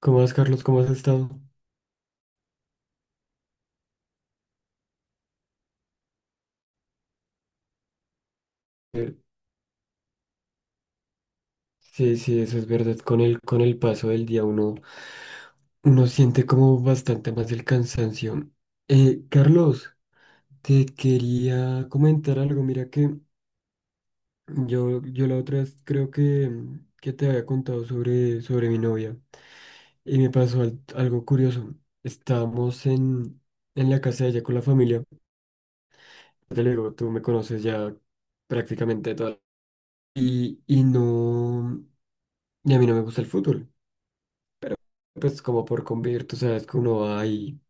¿Cómo vas, Carlos? ¿Cómo has estado? Eh, Sí, sí, eso es verdad. Con el paso del día uno siente como bastante más el cansancio. Carlos, te quería comentar algo. Mira que yo la otra vez creo que te había contado sobre mi novia y me pasó algo curioso. Estábamos en la casa de ella con la familia. Te lo digo, tú me conoces ya prácticamente toda. Y no. Y a mí no me gusta el fútbol. Pues como por convivir, tú sabes que uno va y,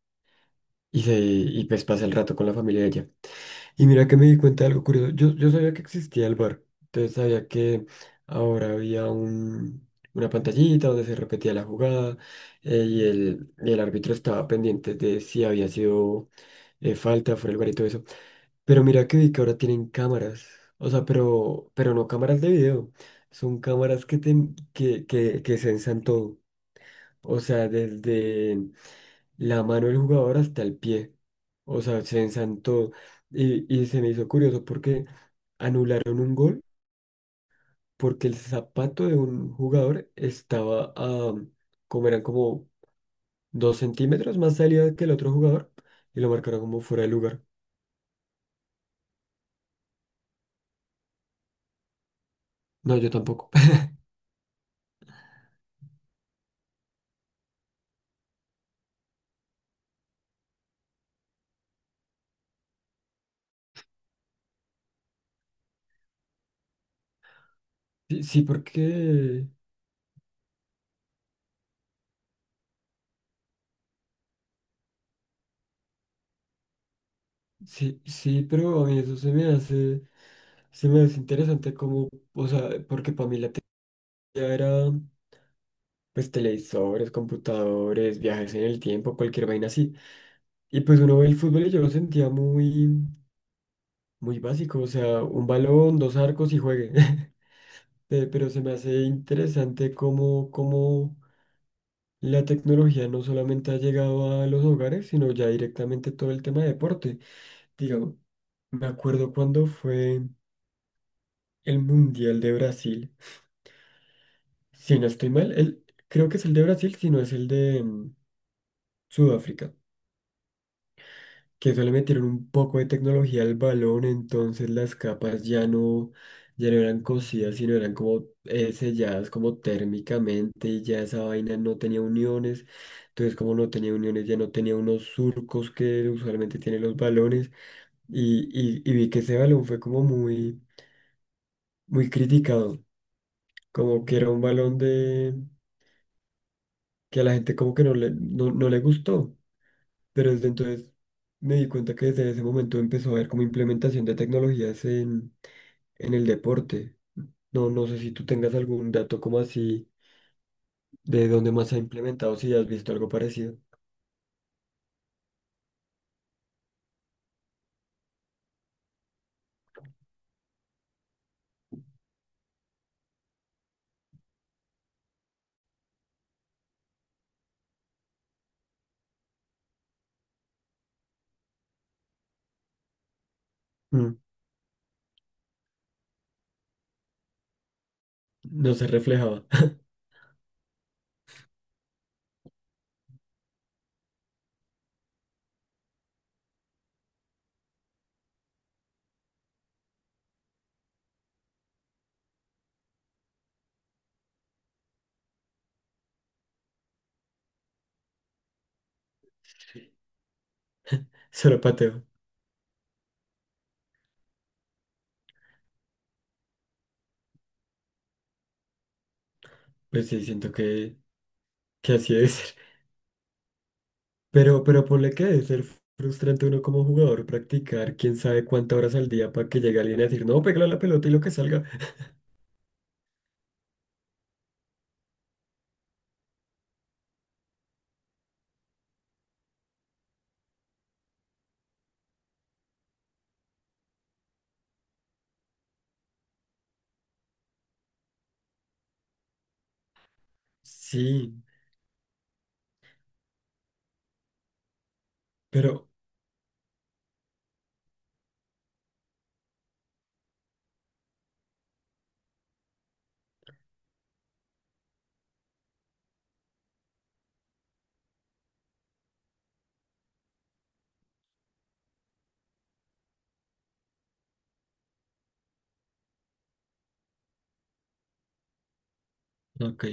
y, se, y pues pasa el rato con la familia de ella. Y mira que me di cuenta de algo curioso. Yo sabía que existía el bar. Entonces sabía que ahora había una pantallita donde se repetía la jugada y el árbitro estaba pendiente de si había sido falta, fuera de lugar y todo eso. Pero mira que vi que ahora tienen cámaras. O sea, pero no cámaras de video. Son cámaras que, te, que sensan todo. O sea, desde la mano del jugador hasta el pie. O sea, se ensantó. Y se me hizo curioso porque anularon un gol porque el zapato de un jugador como eran como 2 cm más salida que el otro jugador y lo marcaron como fuera de lugar. No, yo tampoco. Sí, sí, porque sí, sí, pero a mí eso se me hace interesante como, o sea, porque para mí la teoría era, pues televisores, computadores, viajes en el tiempo, cualquier vaina así. Y pues uno ve el fútbol y yo lo sentía muy, muy básico, o sea, un balón, dos arcos y juegue. Pero se me hace interesante cómo la tecnología no solamente ha llegado a los hogares, sino ya directamente todo el tema de deporte. Digamos, me acuerdo cuando fue el Mundial de Brasil. Si no estoy mal, creo que es el de Brasil, si no es el de Sudáfrica, que solo metieron un poco de tecnología al balón. Entonces las capas ya no eran cosidas, sino eran como selladas como térmicamente, y ya esa vaina no tenía uniones. Entonces, como no tenía uniones, ya no tenía unos surcos que usualmente tienen los balones, y vi que ese balón fue como muy, muy criticado, como que era un balón de... que a la gente como que no le gustó. Pero desde entonces me di cuenta que desde ese momento empezó a haber como implementación de tecnologías en el deporte. No, no sé si tú tengas algún dato como así de dónde más se ha implementado, si has visto algo parecido. Mm, no se reflejaba. Solo pateo. Pues sí, siento que así debe ser. Pero ponle que debe ser frustrante uno como jugador practicar quién sabe cuántas horas al día para que llegue alguien a decir, no, pégale a la pelota y lo que salga. Sí, pero, ok.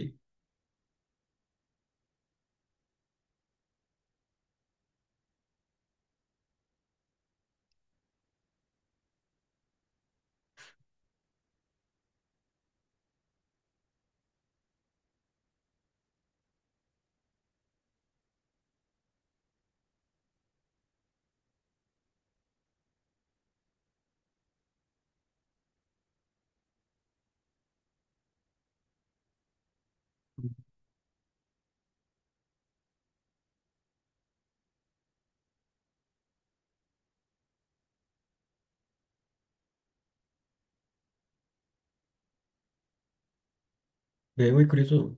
Ve muy curioso.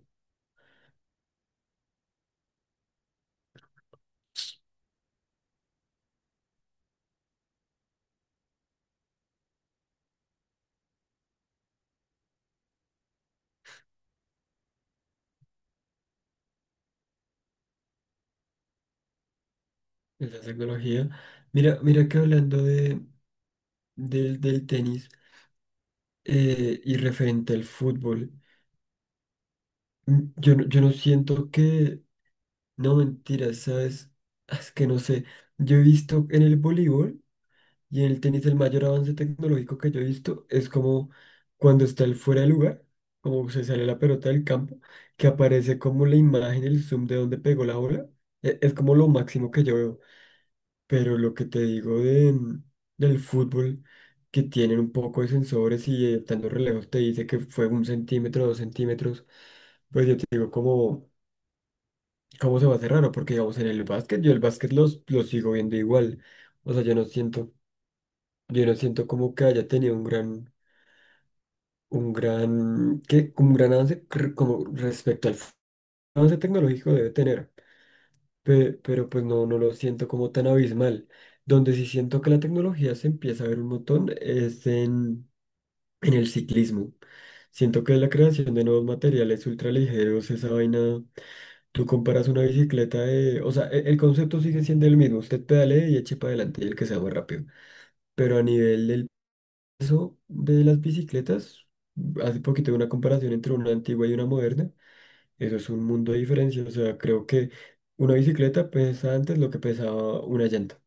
En la tecnología. Mira que hablando del tenis y referente al fútbol, yo no siento que, no mentiras, ¿sabes? Es que no sé, yo he visto en el voleibol y en el tenis el mayor avance tecnológico que yo he visto es como cuando está el fuera de lugar, como se sale la pelota del campo, que aparece como la imagen, el zoom de donde pegó la bola. Es como lo máximo que yo veo. Pero lo que te digo del fútbol, que tienen un poco de sensores y dando relevos te dice que fue 1 cm, 2 cm, pues yo te digo cómo se va a hacer raro, porque digamos en el básquet, yo el básquet lo sigo viendo igual. O sea, yo no siento como que haya tenido un gran avance como respecto al avance tecnológico debe tener. Pero pues no, no lo siento como tan abismal. Donde sí siento que la tecnología se empieza a ver un montón es en el ciclismo. Siento que la creación de nuevos materiales ultraligeros, esa vaina, tú comparas una bicicleta de... O sea, el concepto sigue siendo el mismo, usted pedale y eche para adelante y el que sea más rápido. Pero a nivel del peso de las bicicletas, hace poquito hubo una comparación entre una antigua y una moderna. Eso es un mundo de diferencia. O sea, creo que una bicicleta pesa antes lo que pesaba una llanta.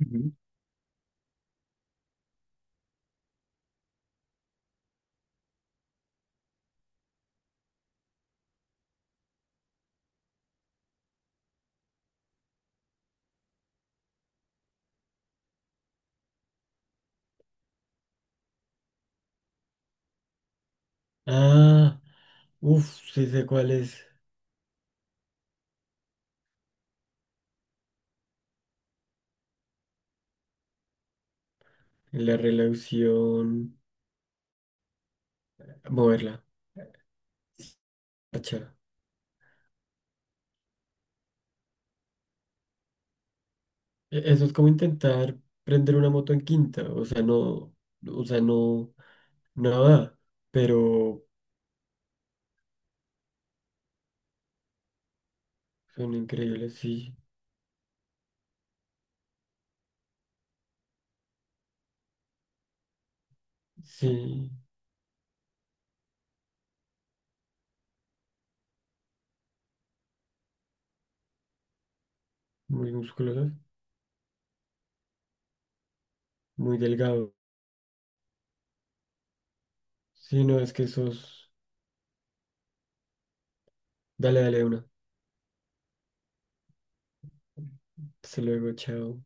Ujú. Ah, uff, sí sé cuál es. La relación, moverla. Acha. Eso es como intentar prender una moto en quinta. O sea, no, nada. Pero son increíbles, sí. Sí, muy musculosas, muy delgado. Sí, no, es que esos. Dale, dale una. Hasta luego, chao.